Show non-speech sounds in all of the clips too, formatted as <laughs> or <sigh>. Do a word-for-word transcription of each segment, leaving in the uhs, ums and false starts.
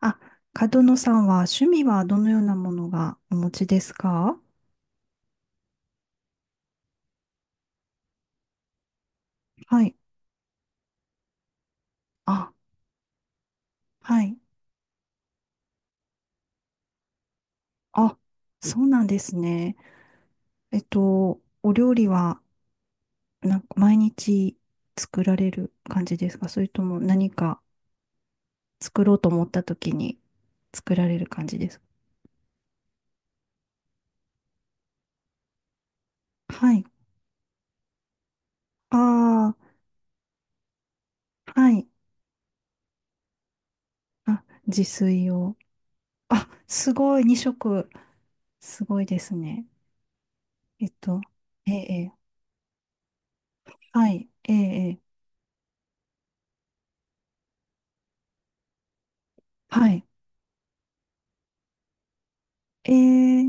あ、角野さんは趣味はどのようなものがお持ちですか？はい。あ、はい。あ、そうなんですね。えっと、お料理はなんか毎日作られる感じですか、それとも何か作ろうと思った時に作られる感じですか？はい。ああ、はい。あ、自炊を。あ、すごい、にしょく食。すごいですね。えっと、ええ、ええ、はい、ええ、ええ、はい。ええ、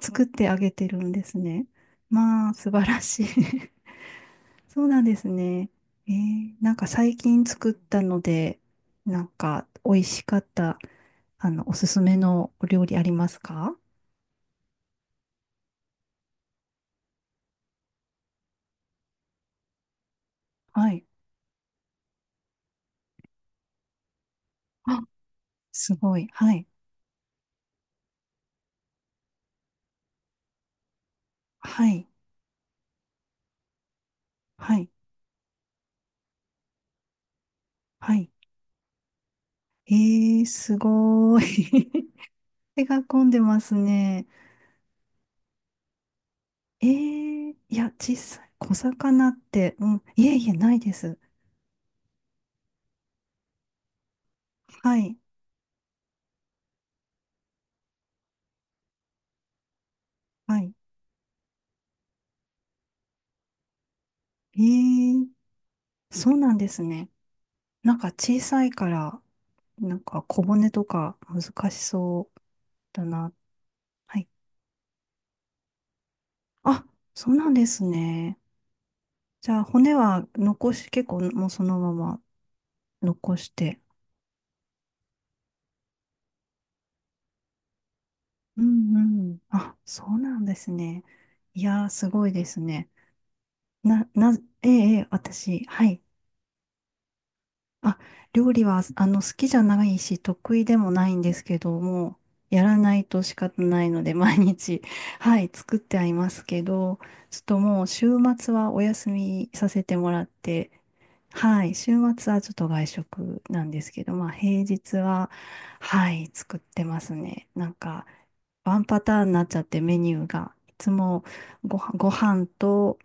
作ってあげてるんですね。まあ、素晴らしい。<laughs> そうなんですね。えーなんか最近作ったので、なんか美味しかった、あの、おすすめのお料理ありますか？はい。あ、すごい。はい。はい。はい。はい。えー、すごい。<laughs> 手が込んでますね。えー、いや、小さい。小魚って、うん、いえいえ、ないです。はい。はい。えー、そうなんですね。なんか小さいから、なんか小骨とか難しそうだな。はい。あ、そうなんですね。じゃあ骨は残し、結構もうそのまま残して。うんうん。あ、そうなんですね。いやー、すごいですね。な、な、ええ、ええ、私、はい。あ、料理は、あの、好きじゃないし、得意でもないんですけども、やらないと仕方ないので、毎日、<laughs> はい、作ってはいますけど、ちょっともう、週末はお休みさせてもらって、はい、週末はちょっと外食なんですけど、まあ、平日は、はい、作ってますね。なんか、ワンパターンになっちゃってメニューが。いつもご飯、ご飯と、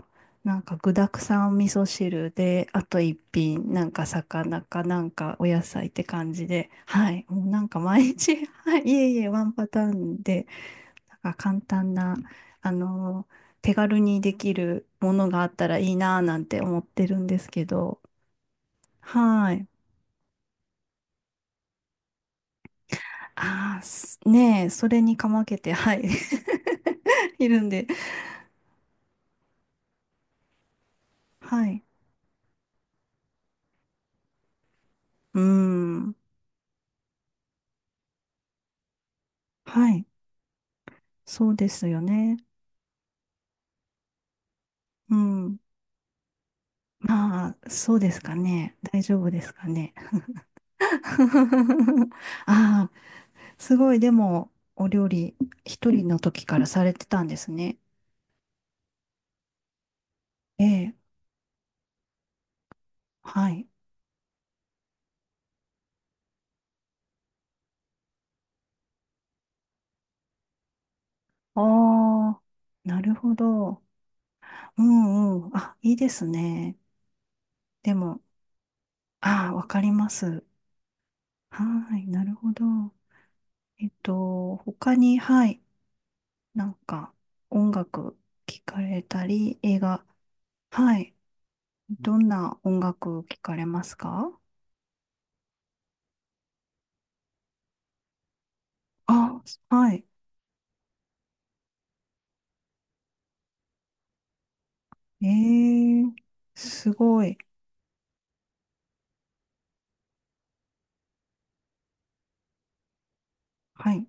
なんか具沢山味噌汁で、あと一品、なんか魚かなんかお野菜って感じで、はい。もうなんか毎日、<laughs> はい。いえいえ、ワンパターンで、なんか簡単な、あの手軽にできるものがあったらいいなぁなんて思ってるんですけど、はい。ああ、すねえ、それにかまけて、はい。<laughs> いるんで、はい。うーん。はい。そうですよね。うん。まあ、そうですかね。大丈夫ですかね。<laughs> ああ、すごい、でも、お料理、一人の時からされてたんですね。ええ、はい。ああ、なるほど。うんうん。あ、いいですね。でも、ああ、わかります。はい、なるほど。えっと、他に、はい、なんか、音楽聞かれたり、映画、はい。どんな音楽を聴かれますか？あ、はい。ええ、すごい。はい。う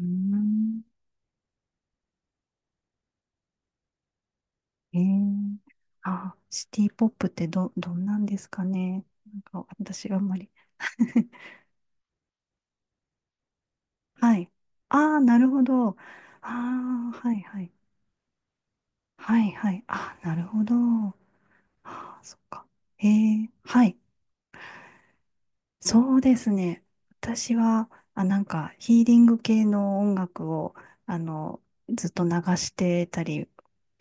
ーん。ええ、あ、シティポップって、ど、どんなんですかね。なんか私あんまり。<laughs> はい。ああ、なるほど。ああ、はいはい。はいはい。あ、なるほど。ああ、そっか。ええ、はい。そうですね。私は、あ、なんかヒーリング系の音楽を、あの、ずっと流してたり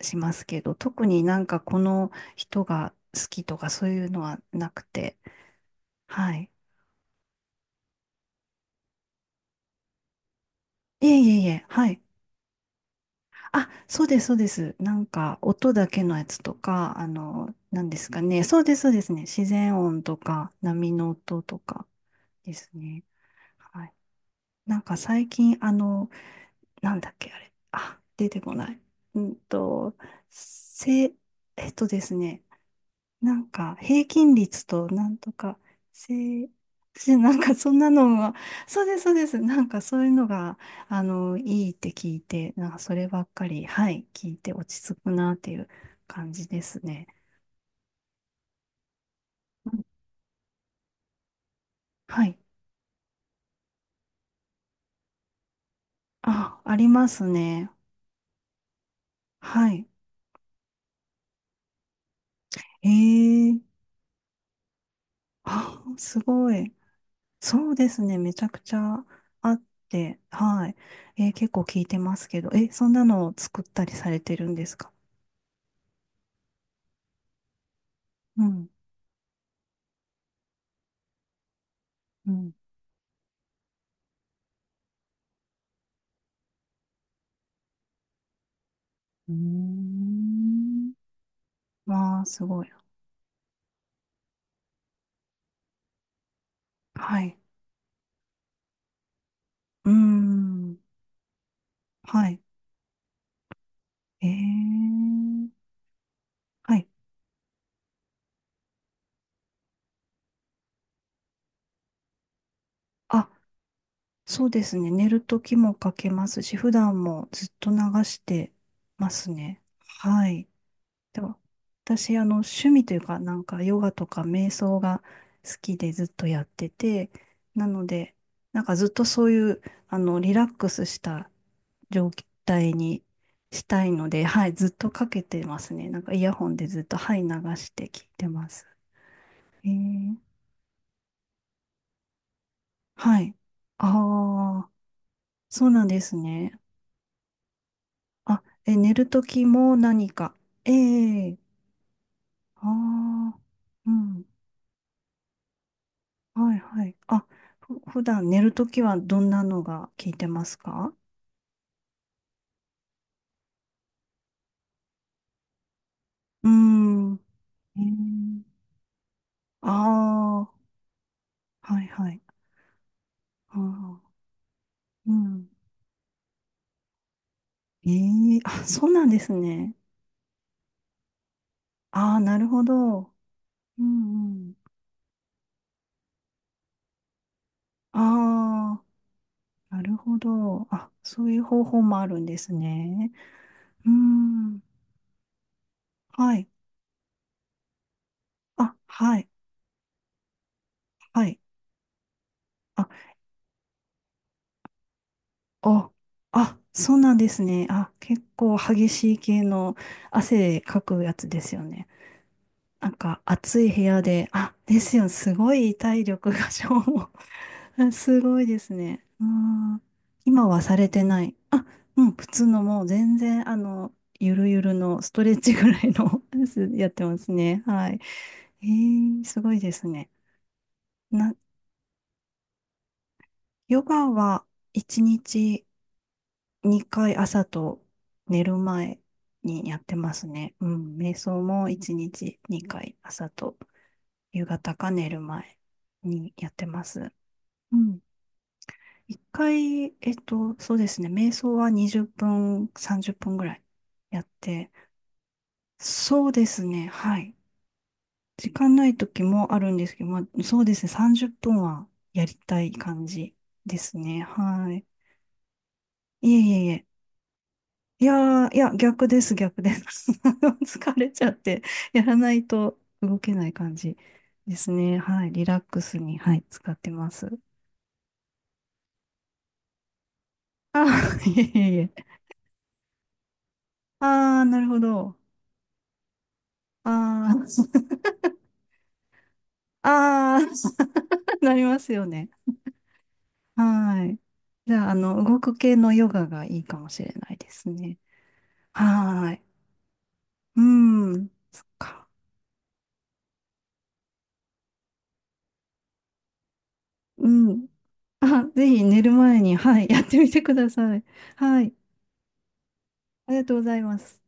しますけど、特になんかこの人が好きとかそういうのはなくて、はい。いえいえいえ、はい。あ、そうです、そうです。なんか音だけのやつとか、あの、なんですかね。そうです、そうですね。自然音とか、波の音とかですね。はい。なんか最近、あの、なんだっけ、あれ。あ、出てこない。うんと、せ、えっとですね、なんか、平均率となんとか、せ、私なんかそんなのが、そうです、そうです。なんかそういうのが、あの、いいって聞いて、なんかそればっかり、はい、聞いて落ち着くなっていう感じですね。うん、はい。あ、ありますね。はい。ええ、あ、すごい。そうですね、めちゃくちゃあって、はい。えー結構聞いてますけど、え、そんなのを作ったりされてるんですか？うん、うん。うーん。わあ、すごい。はい。うーん。はい。ええ、はい。あ、そうですね。寝るときもかけますし、普段もずっと流してますね。はい。でも私、あの、趣味というか、なんか、ヨガとか瞑想が好きでずっとやってて、なので、なんかずっとそういう、あの、リラックスした状態にしたいので、はい、ずっとかけてますね。なんか、イヤホンでずっと、はい、流して聞いてます。えー、はい。ああ、そうなんですね。あ、え、寝るときも何か。ええ、ああー、うん。はいはい。あ、ふ、普段寝るときはどんなのが聞いてますか？うーん。えー、ああ、はいはい。あーうん。ええ、あ、そうなんですね。ああ、なるほど。うんうん。ああ、なるほど。あ、そういう方法もあるんですね。うん。はい。あ、はい。はい。あ、お、あ、そうなんですね。あ、結構激しい系の汗かくやつですよね。なんか暑い部屋で、あ、ですよ、すごい体力が消耗。<laughs> すごいですね。うん、今はされてない。あ、うん、普通のもう全然、あの、ゆるゆるのストレッチぐらいの <laughs> やつやってますね。はい。えー、すごいですね。な、ヨガはいちにちにかい朝と寝る前にやってますね。うん、瞑想もいちにちにかい朝と夕方か寝る前にやってます。うん。一回、えっと、そうですね。瞑想はにじゅっぷん、さんじゅっぷんぐらいやって、そうですね。はい。時間ない時もあるんですけど、まあ、そうですね。さんじゅっぷんはやりたい感じですね。はい。いえいえいえ。いやー、いや、逆です、逆です。<laughs> 疲れちゃって、やらないと動けない感じですね。はい。リラックスに、はい、使ってます。あー、<laughs> いえいえいえ。あー、なるほど。ああ、ああ、<laughs> なりますよね。はい。じゃあ、あの、動く系のヨガがいいかもしれないですね。はい。うん。そっか。うん。あ、ぜひ寝る前に、はい、やってみてください。はい。ありがとうございます。